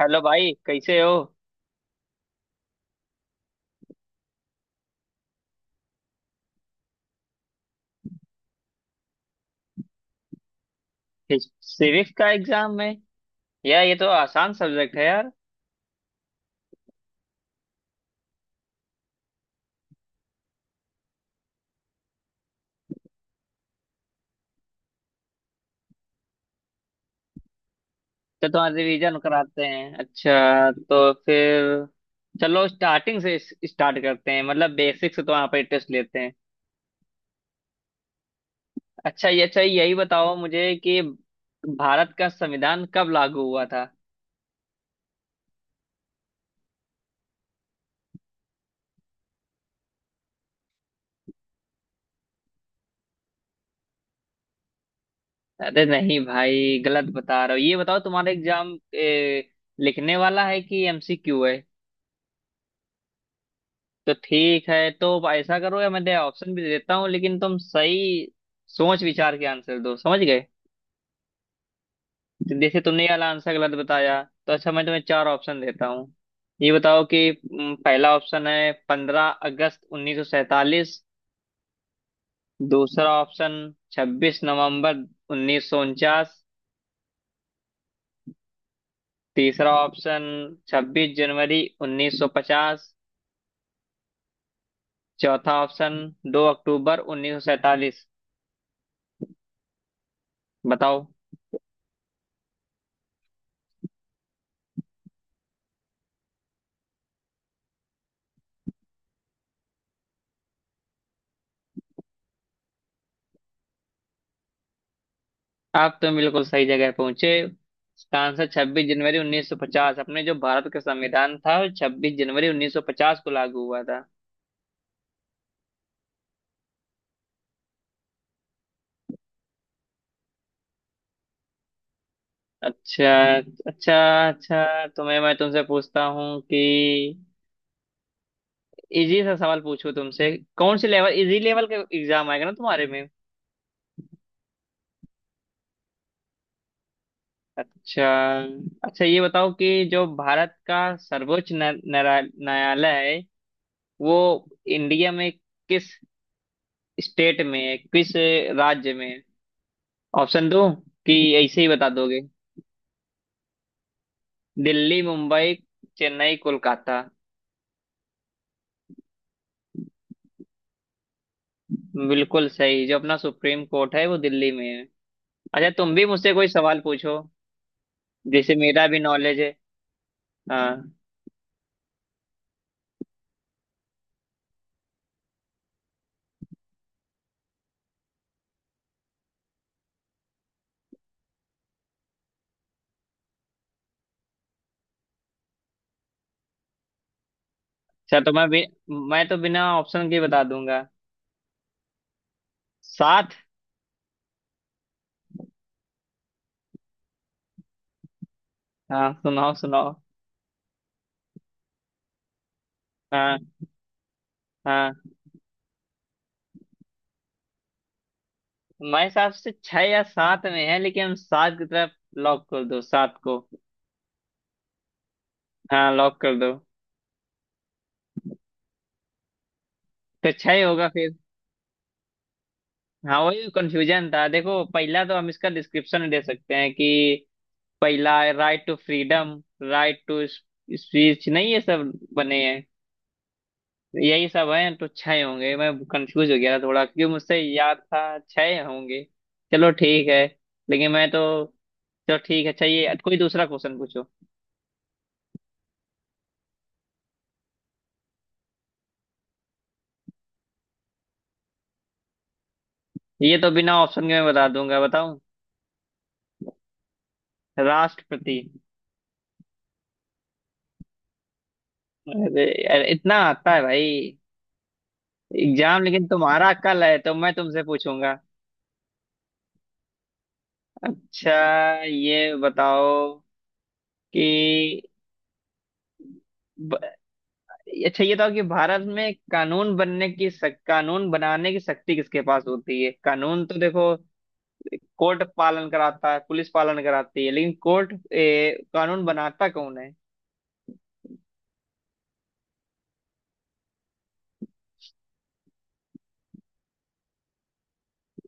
Hello भाई कैसे हो। सिविक्स का एग्जाम है। यार ये तो आसान सब्जेक्ट है यार। तो तुम्हारा रिवीजन कराते हैं। अच्छा तो फिर चलो स्टार्टिंग से स्टार्ट करते हैं मतलब बेसिक से। तो वहाँ पर टेस्ट लेते हैं। अच्छा ये अच्छा यही बताओ मुझे कि भारत का संविधान कब लागू हुआ था। अरे नहीं भाई गलत बता रहे हो। ये बताओ तुम्हारा एग्जाम लिखने वाला है कि एमसीक्यू है। तो ठीक है, तो ऐसा करो, या मैं दे ऑप्शन भी देता हूँ लेकिन तुम सही सोच विचार के आंसर दो, समझ गए। तो जैसे तुमने ये वाला आंसर गलत बताया तो अच्छा मैं तुम्हें चार ऑप्शन देता हूँ। ये बताओ कि पहला ऑप्शन है 15 अगस्त 1947। दूसरा ऑप्शन 26 नवंबर 1949। तीसरा ऑप्शन 26 जनवरी 1950। चौथा ऑप्शन 2 अक्टूबर 1947। बताओ। आप तो बिल्कुल सही जगह पहुंचे। इसका आंसर 26 जनवरी 1950। अपने जो भारत का संविधान था वो 26 जनवरी 1950 को लागू हुआ था। अच्छा, अच्छा। अच्छा तो मैं तुमसे पूछता हूँ कि इजी सा सवाल पूछूं तुमसे। कौन से लेवल, इजी लेवल का एग्जाम आएगा ना तुम्हारे में। अच्छा। अच्छा ये बताओ कि जो भारत का सर्वोच्च न्यायालय है वो इंडिया में किस स्टेट में है, किस राज्य में है। ऑप्शन दो कि ऐसे ही बता दोगे। दिल्ली, मुंबई, चेन्नई, कोलकाता। बिल्कुल सही। जो अपना सुप्रीम कोर्ट है वो दिल्ली में है। अच्छा, तुम भी मुझसे कोई सवाल पूछो। जैसे मेरा भी नॉलेज है। हाँ। अच्छा तो मैं भी, मैं तो बिना ऑप्शन के बता दूंगा। सात। हाँ सुनाओ सुनाओ। हाँ, हाँ। मेरे हिसाब से छह या सात में है, लेकिन हम सात की तरफ लॉक कर दो, सात को। हाँ लॉक कर दो। तो छह होगा फिर। हाँ वही कंफ्यूजन था। देखो पहला तो हम इसका डिस्क्रिप्शन दे सकते हैं कि पहला right to freedom, right to speech, नहीं ये सब बने हैं। यही सब हैं, तो छह होंगे। मैं कंफ्यूज हो गया था थोड़ा क्योंकि मुझसे याद था छह होंगे। चलो ठीक है लेकिन मैं तो, चलो ठीक है। अच्छा ये कोई दूसरा क्वेश्चन पूछो। ये तो बिना ऑप्शन के मैं बता दूंगा, बताऊं। राष्ट्रपति। अरे, अरे इतना आता है भाई। एग्जाम लेकिन तुम्हारा कल है तो मैं तुमसे पूछूंगा। अच्छा ये बताओ कि ब- अच्छा ये बताओ कि भारत में कानून बनने की कानून बनाने की शक्ति किसके पास होती है। कानून तो देखो कोर्ट पालन कराता है, पुलिस पालन कराती है, लेकिन कोर्ट कानून बनाता कौन है।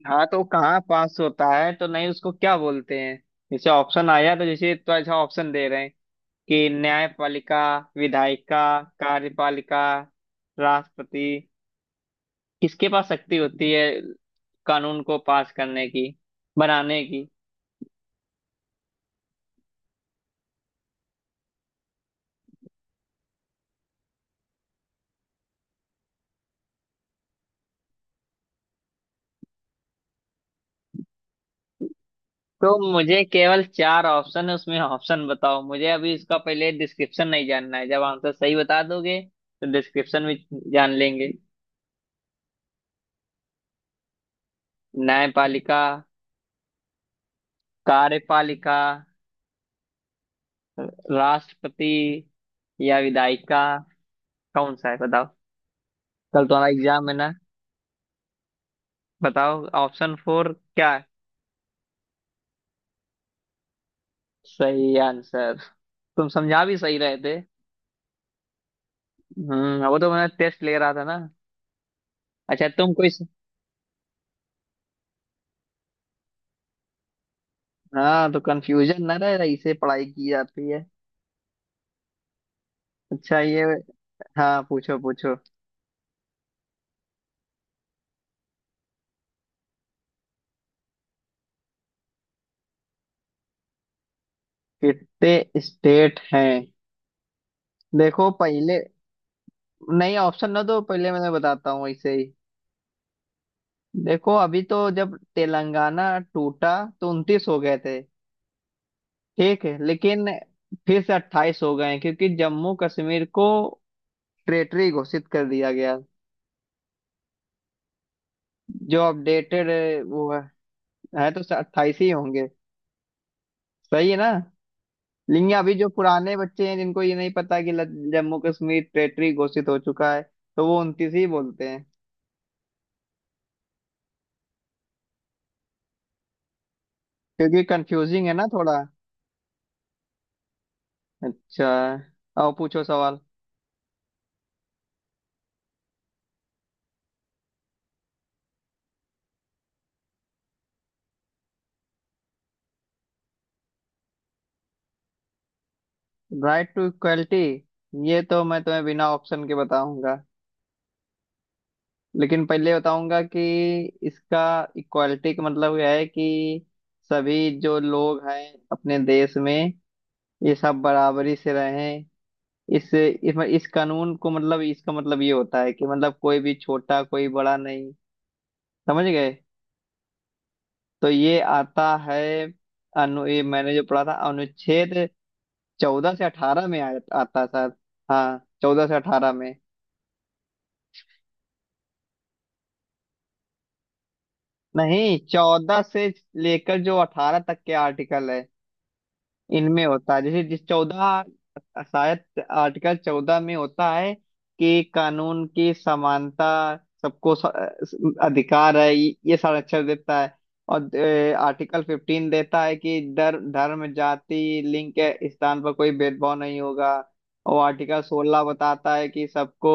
हाँ तो वो कहाँ पास होता है, तो नहीं उसको क्या बोलते हैं। जैसे ऑप्शन आया तो जैसे, तो अच्छा ऑप्शन दे रहे हैं कि न्यायपालिका, विधायिका, कार्यपालिका, राष्ट्रपति। किसके पास शक्ति होती है कानून को पास करने की, बनाने की। तो मुझे केवल चार ऑप्शन है उसमें, ऑप्शन बताओ मुझे। अभी इसका पहले डिस्क्रिप्शन नहीं जानना है। जब आंसर सही बता दोगे तो डिस्क्रिप्शन भी जान लेंगे। न्यायपालिका, कार्यपालिका, राष्ट्रपति या विधायिका। कौन सा है बताओ। कल तुम्हारा एग्जाम है ना। बताओ, ऑप्शन फोर क्या है। सही आंसर। तुम समझा भी सही रहे थे। हम्म, वो तो मैं टेस्ट ले रहा था ना। अच्छा तुम कोई। हाँ, तो कंफ्यूजन ना रहे इसे पढ़ाई की जाती है। अच्छा ये। हाँ पूछो पूछो। कितने स्टेट हैं। देखो पहले। नहीं ऑप्शन ना दो, पहले मैं बताता हूँ इसे ही। देखो अभी तो जब तेलंगाना टूटा तो 29 हो गए थे। ठीक है, लेकिन फिर से 28 हो गए हैं, क्योंकि जम्मू कश्मीर को टेरिटरी घोषित कर दिया गया। जो अपडेटेड वो है तो 28 ही होंगे। सही है ना। लेकिन अभी जो पुराने बच्चे हैं जिनको ये नहीं पता कि जम्मू कश्मीर टेरिटरी घोषित हो चुका है, तो वो 29 ही बोलते हैं। क्योंकि कंफ्यूजिंग है ना थोड़ा। अच्छा, और पूछो सवाल। Right to equality. ये तो मैं तुम्हें बिना ऑप्शन के बताऊंगा, लेकिन पहले बताऊंगा कि इसका इक्वलिटी का मतलब यह है कि सभी जो लोग हैं अपने देश में ये सब बराबरी से रहें। इस कानून को मतलब इसका मतलब ये होता है कि मतलब कोई भी छोटा कोई बड़ा नहीं। समझ गए। तो ये आता है। अनु, ये मैंने जो पढ़ा था अनुच्छेद 14 से 18 में आता है शायद। हाँ 14 से 18 में। नहीं, 14 से लेकर जो 18 तक के आर्टिकल है इनमें होता है। जैसे जिस 14 शायद, आर्टिकल 14 में होता है कि कानून की समानता सबको अधिकार है, ये संरक्षण देता है। और आर्टिकल 15 देता है कि धर्म जाति लिंग के स्थान पर कोई भेदभाव नहीं होगा। और आर्टिकल 16 बताता है कि सबको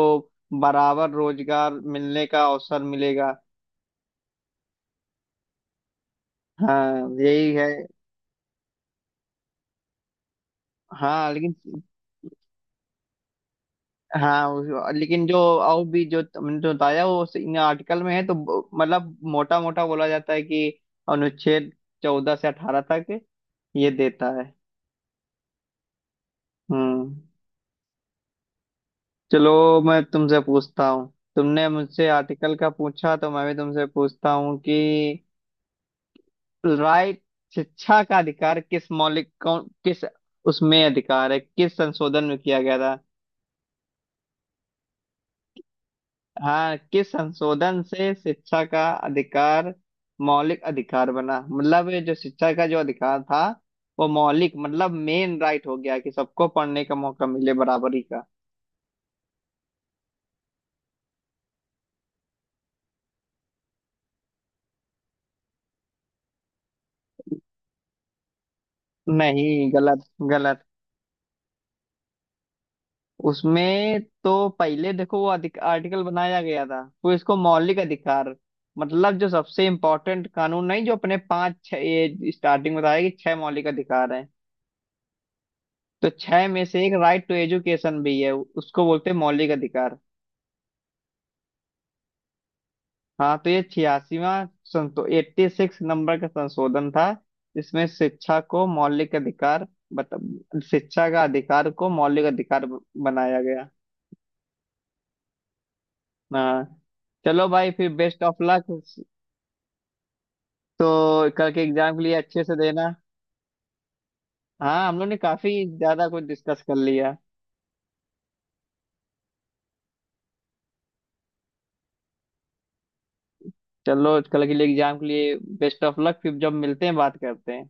बराबर रोजगार मिलने का अवसर मिलेगा। हाँ यही है। हाँ लेकिन। हाँ लेकिन जो और भी जो तुमने जो बताया वो इन आर्टिकल में है। तो मतलब मोटा मोटा बोला जाता है कि अनुच्छेद 14 से 18 तक ये देता है। हम्म। चलो मैं तुमसे पूछता हूँ। तुमने मुझसे आर्टिकल का पूछा तो मैं भी तुमसे पूछता हूँ कि राइट शिक्षा का अधिकार किस मौलिक, कौन किस उसमें अधिकार है, किस संशोधन में किया गया था। हाँ किस संशोधन से शिक्षा का अधिकार मौलिक अधिकार बना। मतलब ये जो शिक्षा का जो अधिकार था वो मौलिक मतलब मेन राइट हो गया कि सबको पढ़ने का मौका मिले बराबरी का। नहीं, गलत, गलत। उसमें तो पहले देखो वो अधिक आर्टिकल बनाया गया था, फिर इसको मौलिक अधिकार। मतलब जो सबसे इम्पोर्टेंट कानून, नहीं जो अपने पांच छह ये स्टार्टिंग में बताया कि छह मौलिक अधिकार हैं, तो छह में से एक राइट टू एजुकेशन भी है, उसको बोलते हैं मौलिक अधिकार। हाँ तो ये 86वां, संतो 86 नंबर का संशोधन था। इसमें शिक्षा को मौलिक अधिकार बत, शिक्षा का अधिकार को मौलिक अधिकार बनाया गया। हाँ चलो भाई फिर बेस्ट ऑफ लक। तो कल के एग्जाम के लिए अच्छे से देना। हाँ हम लोग ने काफी ज्यादा कुछ डिस्कस कर लिया। चलो कल के लिए, एग्जाम के लिए बेस्ट ऑफ लक, फिर जब मिलते हैं बात करते हैं।